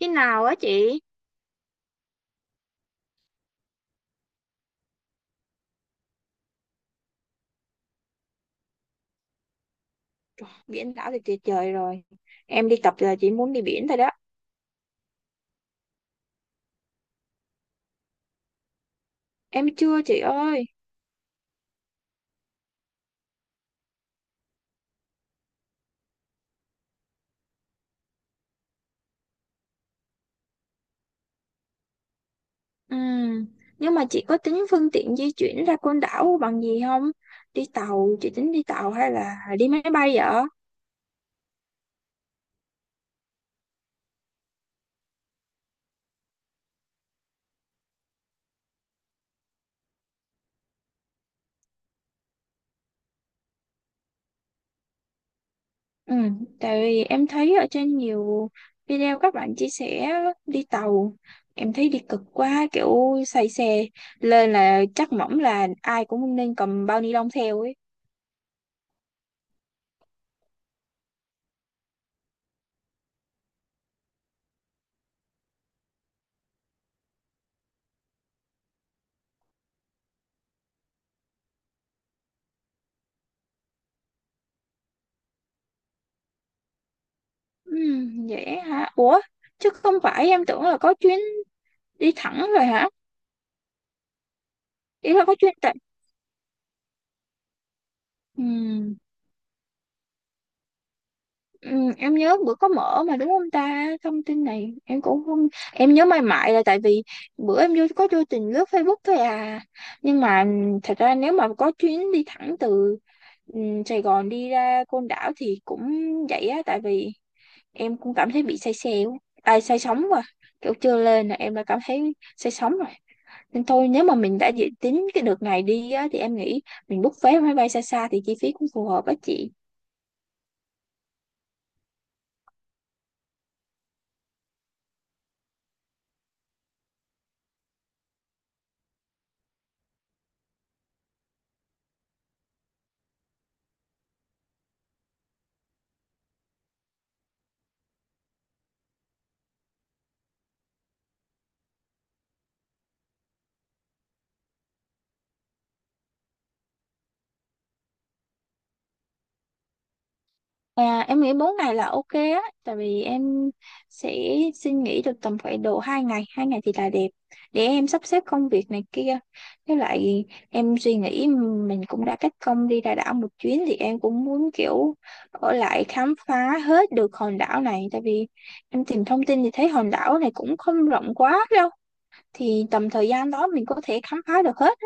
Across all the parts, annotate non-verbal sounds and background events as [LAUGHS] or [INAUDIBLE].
Khi nào á chị? Biển đảo thì tuyệt vời rồi. Em đi tập là chị muốn đi biển thôi đó. Em chưa chị ơi. Ừm. Nhưng mà chị có tính phương tiện di chuyển ra Côn Đảo bằng gì không? Đi tàu, chị tính đi tàu hay là đi máy bay vậy? Ừ, tại vì em thấy ở trên nhiều video các bạn chia sẻ đi tàu. Em thấy đi cực quá, kiểu say xe. Lên là chắc mỏng là ai cũng nên cầm bao ni lông theo ấy. Ừ, dễ hả? Ủa, chứ không phải em tưởng là có chuyến đi thẳng rồi hả? Ý là có chuyến tại... Ừ, ừ, em nhớ bữa có mở mà đúng không ta? Thông tin này em cũng không... Em nhớ mãi mãi là tại vì bữa em vô có vô tình lướt Facebook thôi à. Nhưng mà thật ra nếu mà có chuyến đi thẳng từ ừ, Sài Gòn đi ra Côn Đảo thì cũng vậy á. Tại vì em cũng cảm thấy bị say xe quá. À, say sóng quá. Kiểu chưa lên là em đã cảm thấy say sóng rồi. Nên thôi nếu mà mình đã dự tính cái đợt này đi á, thì em nghĩ mình book vé máy bay xa xa thì chi phí cũng phù hợp á chị. À, em nghĩ 4 ngày là ok á tại vì em sẽ xin nghỉ được tầm khoảng độ 2 ngày 2 ngày thì là đẹp để em sắp xếp công việc này kia với lại em suy nghĩ mình cũng đã cách công đi ra đảo một chuyến thì em cũng muốn kiểu ở lại khám phá hết được hòn đảo này tại vì em tìm thông tin thì thấy hòn đảo này cũng không rộng quá đâu thì tầm thời gian đó mình có thể khám phá được hết.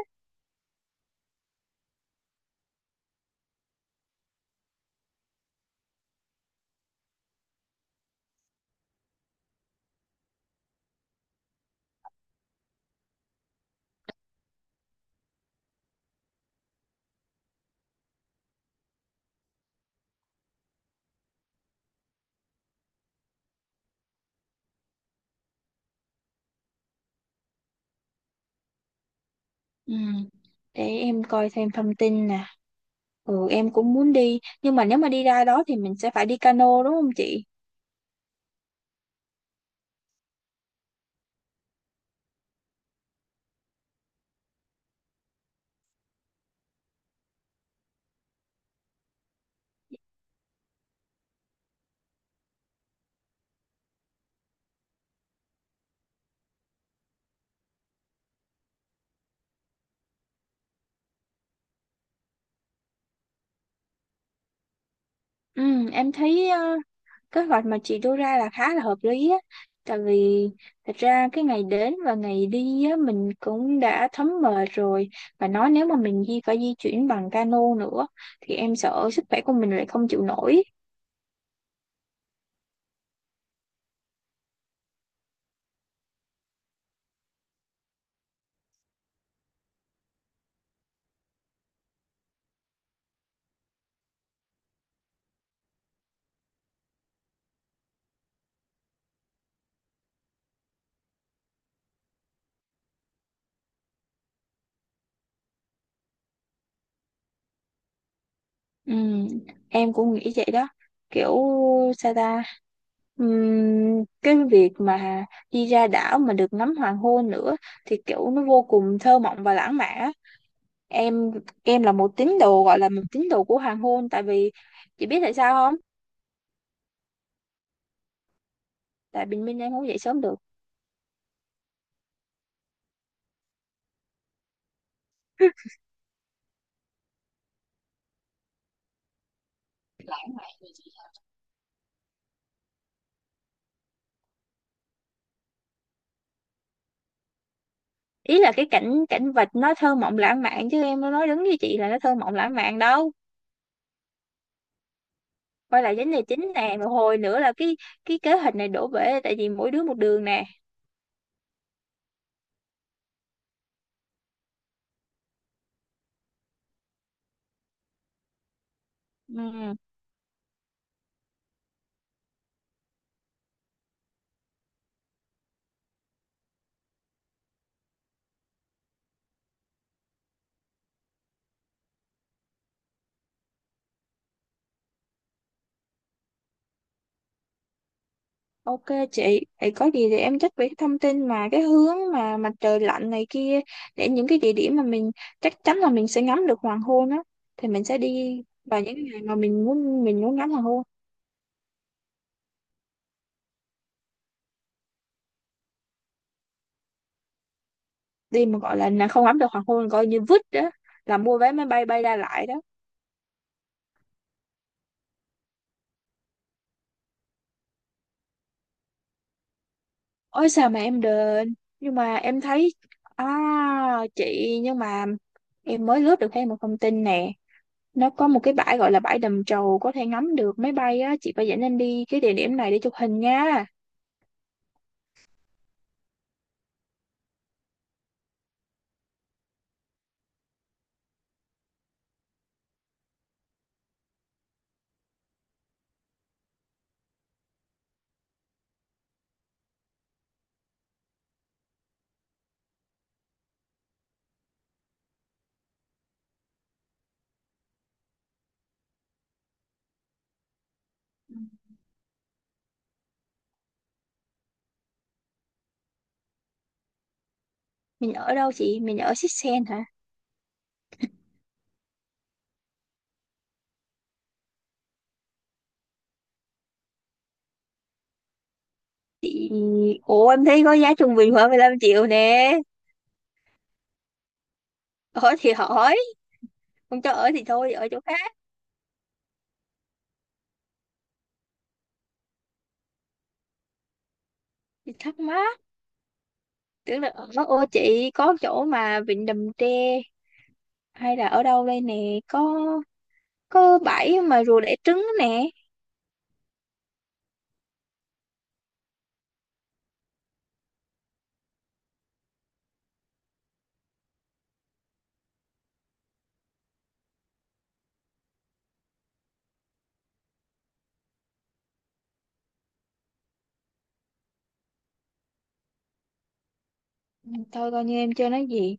Ừ. Để em coi thêm thông tin nè. Ừ em cũng muốn đi nhưng mà nếu mà đi ra đó thì mình sẽ phải đi cano đúng không chị? Ừ em thấy kế hoạch mà chị đưa ra là khá là hợp lý á. Tại vì thật ra cái ngày đến và ngày đi á, mình cũng đã thấm mệt rồi và nói nếu mà mình di phải di chuyển bằng cano nữa thì em sợ sức khỏe của mình lại không chịu nổi. Ừ, em cũng nghĩ vậy đó kiểu sao ta. Cái việc mà đi ra đảo mà được ngắm hoàng hôn nữa thì kiểu nó vô cùng thơ mộng và lãng mạn á. em em là một tín đồ gọi là một tín đồ của hoàng hôn tại vì chị biết tại sao không? Tại bình minh em không dậy sớm được. [LAUGHS] Ý là cái cảnh cảnh vật nó thơ mộng lãng mạn chứ em nói đúng với chị là nó thơ mộng lãng mạn đâu. Quay lại vấn đề chính nè một hồi nữa là cái kế hoạch này đổ bể tại vì mỗi đứa một đường nè. Ừ. Ok chị, vậy có gì thì em check về cái thông tin mà cái hướng mà mặt trời lặn này kia để những cái địa điểm mà mình chắc chắn là mình sẽ ngắm được hoàng hôn á thì mình sẽ đi vào những cái ngày mà mình muốn ngắm hoàng hôn. Đi mà gọi là nè, không ngắm được hoàng hôn coi như vứt đó, là mua vé máy bay bay ra lại đó. Ôi sao mà em đền, nhưng mà em thấy, à chị, nhưng mà em mới lướt được thêm một thông tin nè, nó có một cái bãi gọi là bãi Đầm Trầu có thể ngắm được máy bay á, chị phải dẫn em đi cái địa điểm này để chụp hình nha. Mình ở đâu chị, mình ở Sixsen hả chị? Ủa em thấy có giá trung bình khoảng 15 triệu nè. Ở thì hỏi, không cho ở thì thôi ở chỗ khác, thì thắc mắc. Tưởng là ở, ô chị có chỗ mà vịnh Đầm Tre hay là ở đâu đây nè, có bãi mà rùa đẻ trứng nè. Ừ, thôi coi như em chưa nói gì.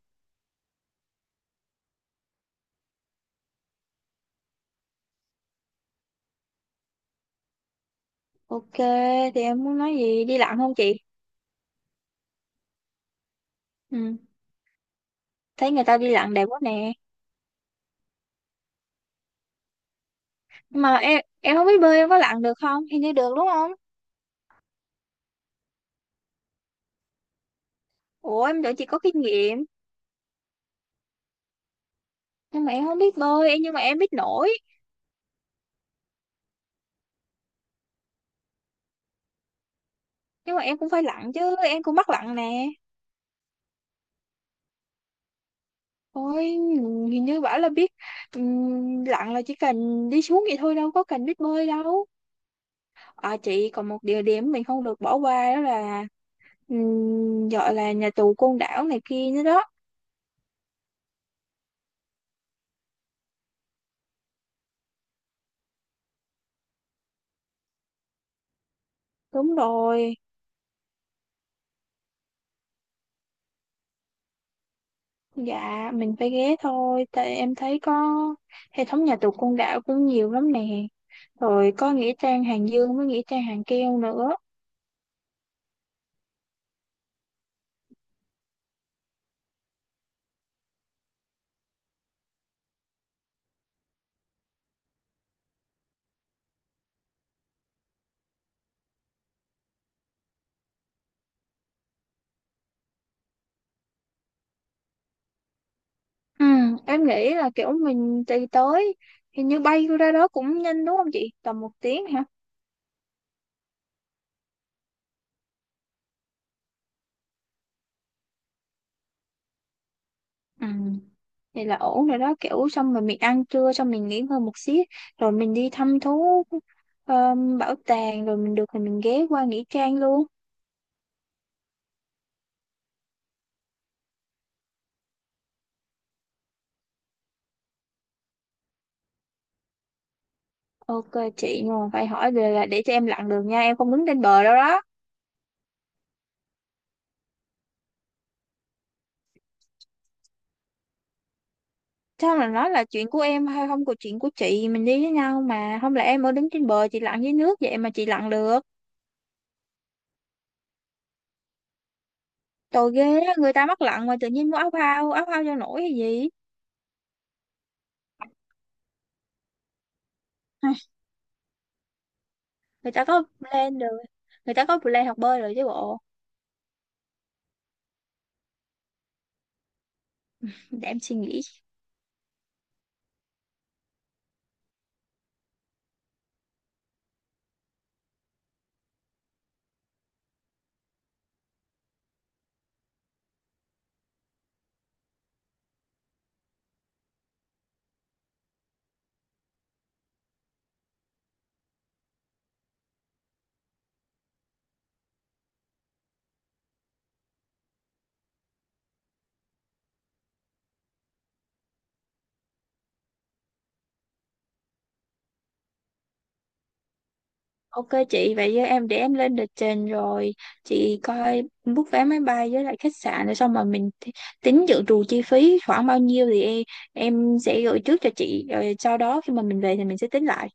Ok, thì em muốn nói gì, đi lặn không chị? Ừ, thấy người ta đi lặn đẹp quá nè. Mà em không biết bơi em có lặn được không, hình như được đúng không? Ủa em tưởng chị có kinh nghiệm. Nhưng mà em không biết bơi em, nhưng mà em biết nổi. Nhưng mà em cũng phải lặn chứ, em cũng mắc lặn nè. Ôi, hình như bảo là biết. Lặn là chỉ cần đi xuống vậy thôi đâu có cần biết bơi đâu. À chị còn một địa điểm mình không được bỏ qua đó là, gọi là nhà tù Côn Đảo này kia nữa đó. Đúng rồi. Dạ, mình phải ghé thôi, tại em thấy có hệ thống nhà tù Côn Đảo cũng nhiều lắm nè. Rồi có nghĩa trang Hàng Dương với nghĩa trang Hàng Keo nữa. Ừ, em nghĩ là kiểu mình đi tới, hình như bay ra đó cũng nhanh đúng không chị? Tầm 1 tiếng hả? Ừ, vậy là ổn rồi đó, kiểu xong rồi mình ăn trưa, xong mình nghỉ ngơi một xíu, rồi mình đi thăm thú bảo tàng, rồi mình được thì mình ghé qua nghĩa trang luôn. Ok chị, nhưng mà phải hỏi về là để cho em lặn đường nha, em không đứng trên bờ đâu đó. Sao mà nói là chuyện của em hay không của chuyện của chị, mình đi với nhau mà không lẽ em ở đứng trên bờ chị lặn dưới nước vậy, mà chị lặn được. Tội ghê á, người ta mắc lặn mà tự nhiên mua áo phao, áo phao cho nổi hay gì. Ai, người ta có plan rồi, người ta có plan học bơi rồi chứ bộ. Để em suy nghĩ. Ok chị, vậy với em, để em lên lịch trình rồi chị coi book vé máy bay với lại khách sạn, rồi xong mà mình tính dự trù chi phí khoảng bao nhiêu thì em sẽ gửi trước cho chị rồi sau đó khi mà mình về thì mình sẽ tính lại.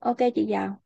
Ok chị giàu.